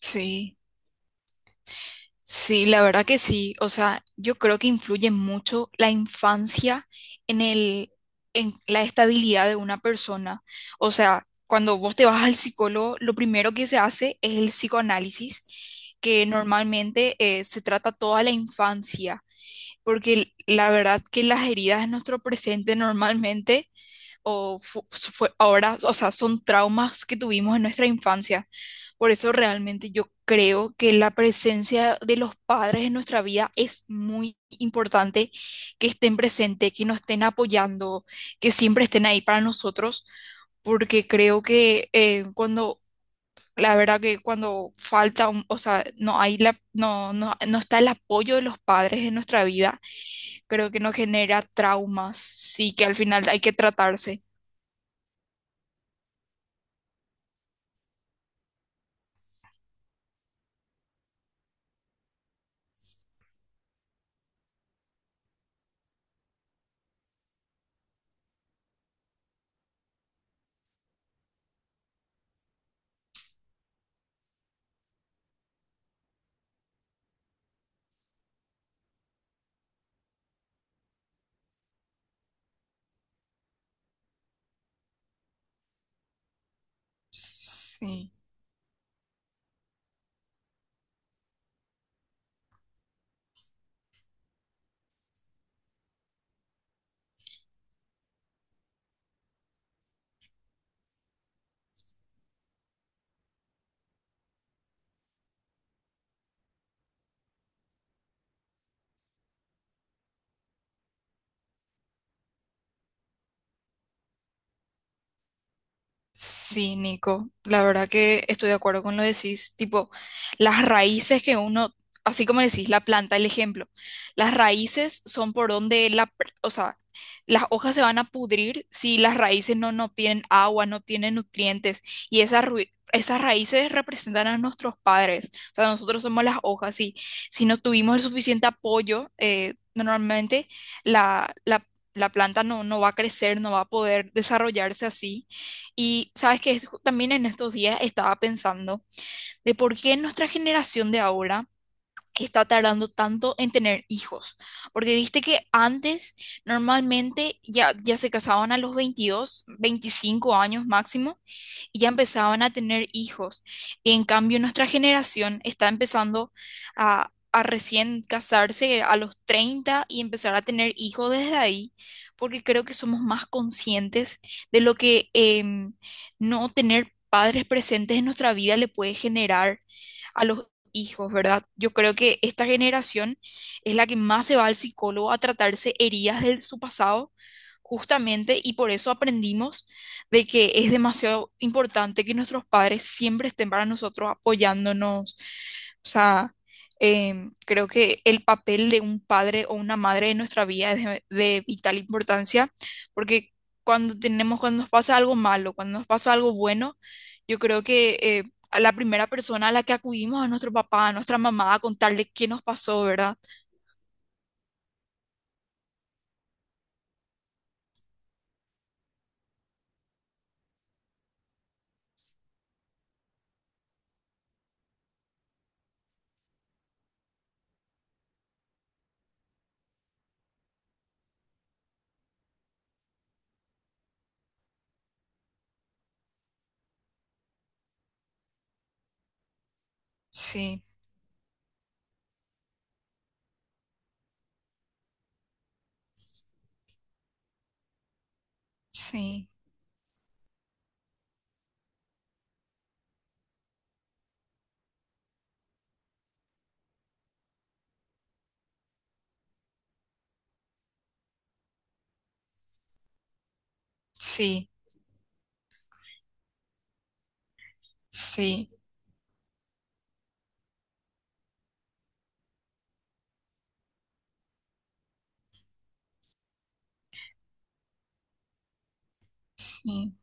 Sí, sí, la verdad que sí. O sea, yo creo que influye mucho la infancia en el, en la estabilidad de una persona. O sea, cuando vos te vas al psicólogo, lo primero que se hace es el psicoanálisis, que normalmente se trata toda la infancia, porque la verdad que las heridas de nuestro presente normalmente o fue ahora, o sea, son traumas que tuvimos en nuestra infancia. Por eso realmente yo creo que la presencia de los padres en nuestra vida es muy importante, que estén presentes, que nos estén apoyando, que siempre estén ahí para nosotros, porque creo que cuando, la verdad que cuando falta, o sea, no hay la, no está el apoyo de los padres en nuestra vida, creo que nos genera traumas, sí, que al final hay que tratarse. Sí. Sí, Nico, la verdad que estoy de acuerdo con lo que decís, tipo, las raíces que uno, así como decís, la planta, el ejemplo, las raíces son por donde o sea, las hojas se van a pudrir si las raíces no tienen agua, no tienen nutrientes, y esas raíces representan a nuestros padres, o sea, nosotros somos las hojas, y si no tuvimos el suficiente apoyo, normalmente la, la, la planta no va a crecer, no va a poder desarrollarse así. Y sabes que también en estos días estaba pensando de por qué nuestra generación de ahora está tardando tanto en tener hijos. Porque viste que antes normalmente ya se casaban a los 22 25 años máximo y ya empezaban a tener hijos. En cambio, nuestra generación está empezando a recién casarse a los 30 y empezar a tener hijos desde ahí, porque creo que somos más conscientes de lo que no tener padres presentes en nuestra vida le puede generar a los hijos, ¿verdad? Yo creo que esta generación es la que más se va al psicólogo a tratarse heridas de su pasado, justamente, y por eso aprendimos de que es demasiado importante que nuestros padres siempre estén para nosotros apoyándonos. O sea, creo que el papel de un padre o una madre en nuestra vida es de vital importancia, porque cuando tenemos, cuando nos pasa algo malo, cuando nos pasa algo bueno, yo creo que a la primera persona a la que acudimos a nuestro papá, a nuestra mamá, a contarle qué nos pasó, ¿verdad? Sí, sí, sí, sí, sí,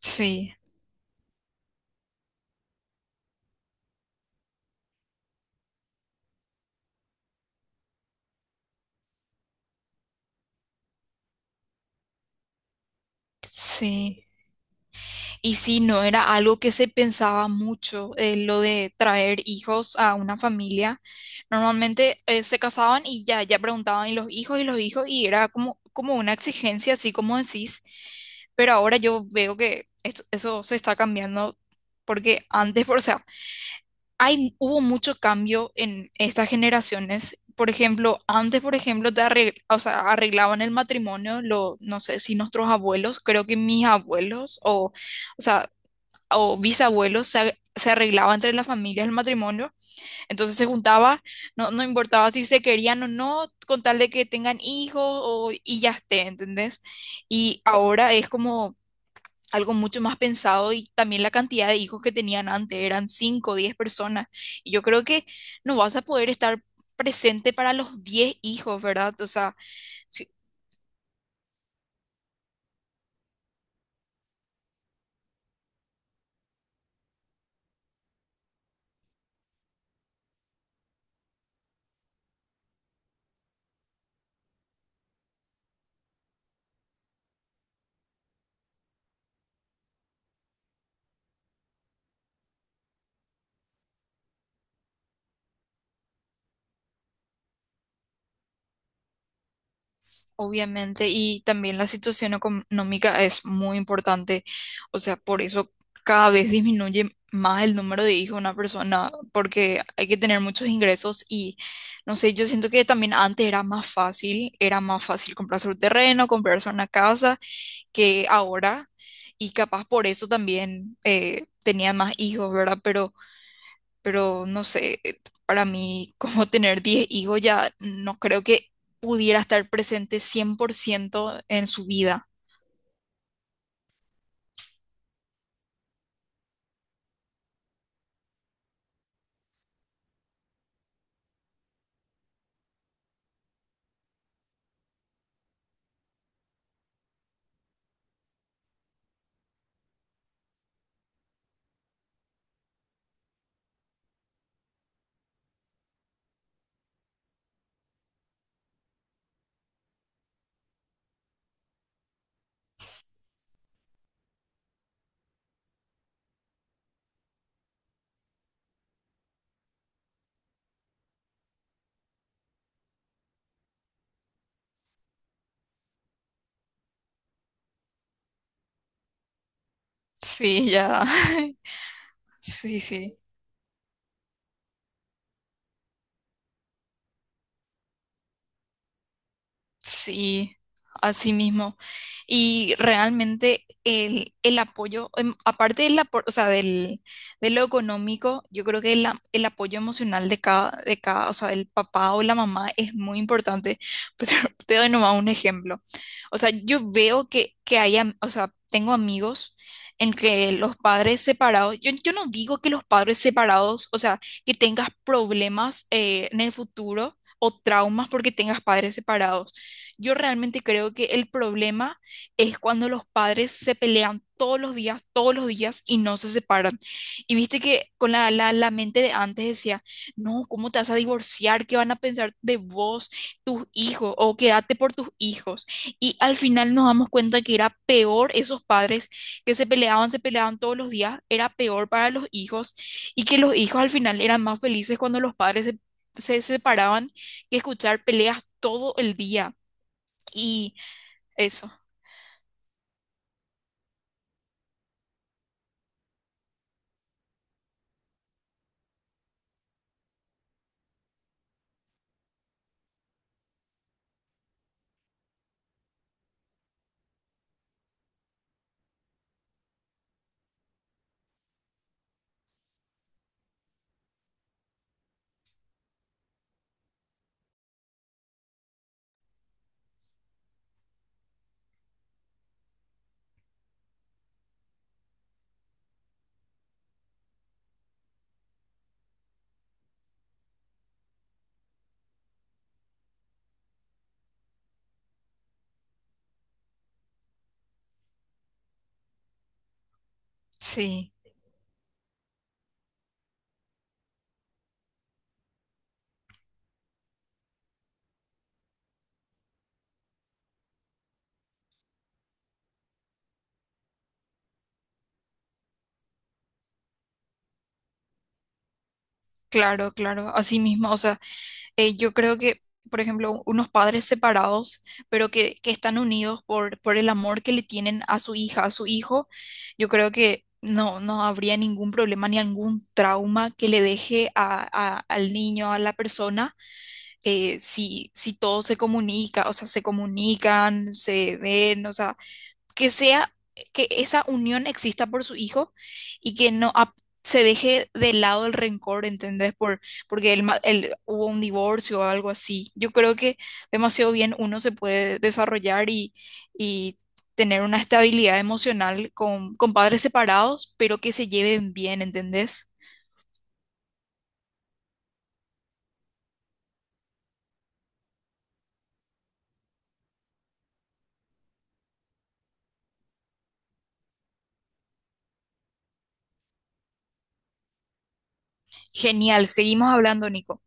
sí, sí. Y sí, no era algo que se pensaba mucho, lo de traer hijos a una familia. Normalmente se casaban y ya preguntaban y los hijos y los hijos y era como, como una exigencia, así como decís. Pero ahora yo veo que eso se está cambiando porque antes, o sea, hay, hubo mucho cambio en estas generaciones. Por ejemplo, antes, por ejemplo, o sea, arreglaban el matrimonio, lo, no sé si nuestros abuelos, creo que mis abuelos o... O sea, o bisabuelos se arreglaba entre las familias el matrimonio, entonces se juntaba, no importaba si se querían o no, con tal de que tengan hijos y ya esté, ¿entendés? Y ahora es como algo mucho más pensado y también la cantidad de hijos que tenían antes, eran 5 o 10 personas, y yo creo que no vas a poder estar presente para los 10 hijos, ¿verdad? O sea, si. Obviamente, y también la situación económica es muy importante, o sea, por eso cada vez disminuye más el número de hijos de una persona, porque hay que tener muchos ingresos y, no sé, yo siento que también antes era más fácil comprarse un terreno, comprarse una casa que ahora, y capaz por eso también tenían más hijos, ¿verdad? Pero no sé, para mí como tener 10 hijos ya no creo que pudiera estar presente 100% en su vida. Sí, ya. Sí, sí. Sí, así mismo. Y realmente el apoyo, aparte o sea, del, de lo económico, yo creo que el apoyo emocional o sea, del papá o la mamá es muy importante. Pero te doy nomás un ejemplo. O sea, yo veo que, hay, o sea, tengo amigos en que los padres separados, yo no digo que los padres separados, o sea, que tengas problemas en el futuro. O traumas porque tengas padres separados. Yo realmente creo que el problema es cuando los padres se pelean todos los días y no se separan. Y viste que con la mente de antes decía, no, ¿cómo te vas a divorciar? ¿Qué van a pensar de vos, tus hijos? O quédate por tus hijos. Y al final nos damos cuenta que era peor esos padres que se peleaban todos los días, era peor para los hijos y que los hijos al final eran más felices cuando los padres se separaban que escuchar peleas todo el día. Y eso, sí, claro, claro, así mismo, o sea, yo creo que, por ejemplo, unos padres separados, pero que están unidos por, el amor que le tienen a su hija, a su hijo, yo creo que no habría ningún problema ni algún trauma que le deje a, al niño, a la persona, si, todo se comunica, o sea, se comunican, se ven, o sea, que esa unión exista por su hijo y que no ap- se deje de lado el rencor, ¿entendés? Porque hubo un divorcio o algo así. Yo creo que demasiado bien uno se puede desarrollar y, y tener una estabilidad emocional con, padres separados, pero que se lleven bien, ¿entendés? Genial, seguimos hablando, Nico.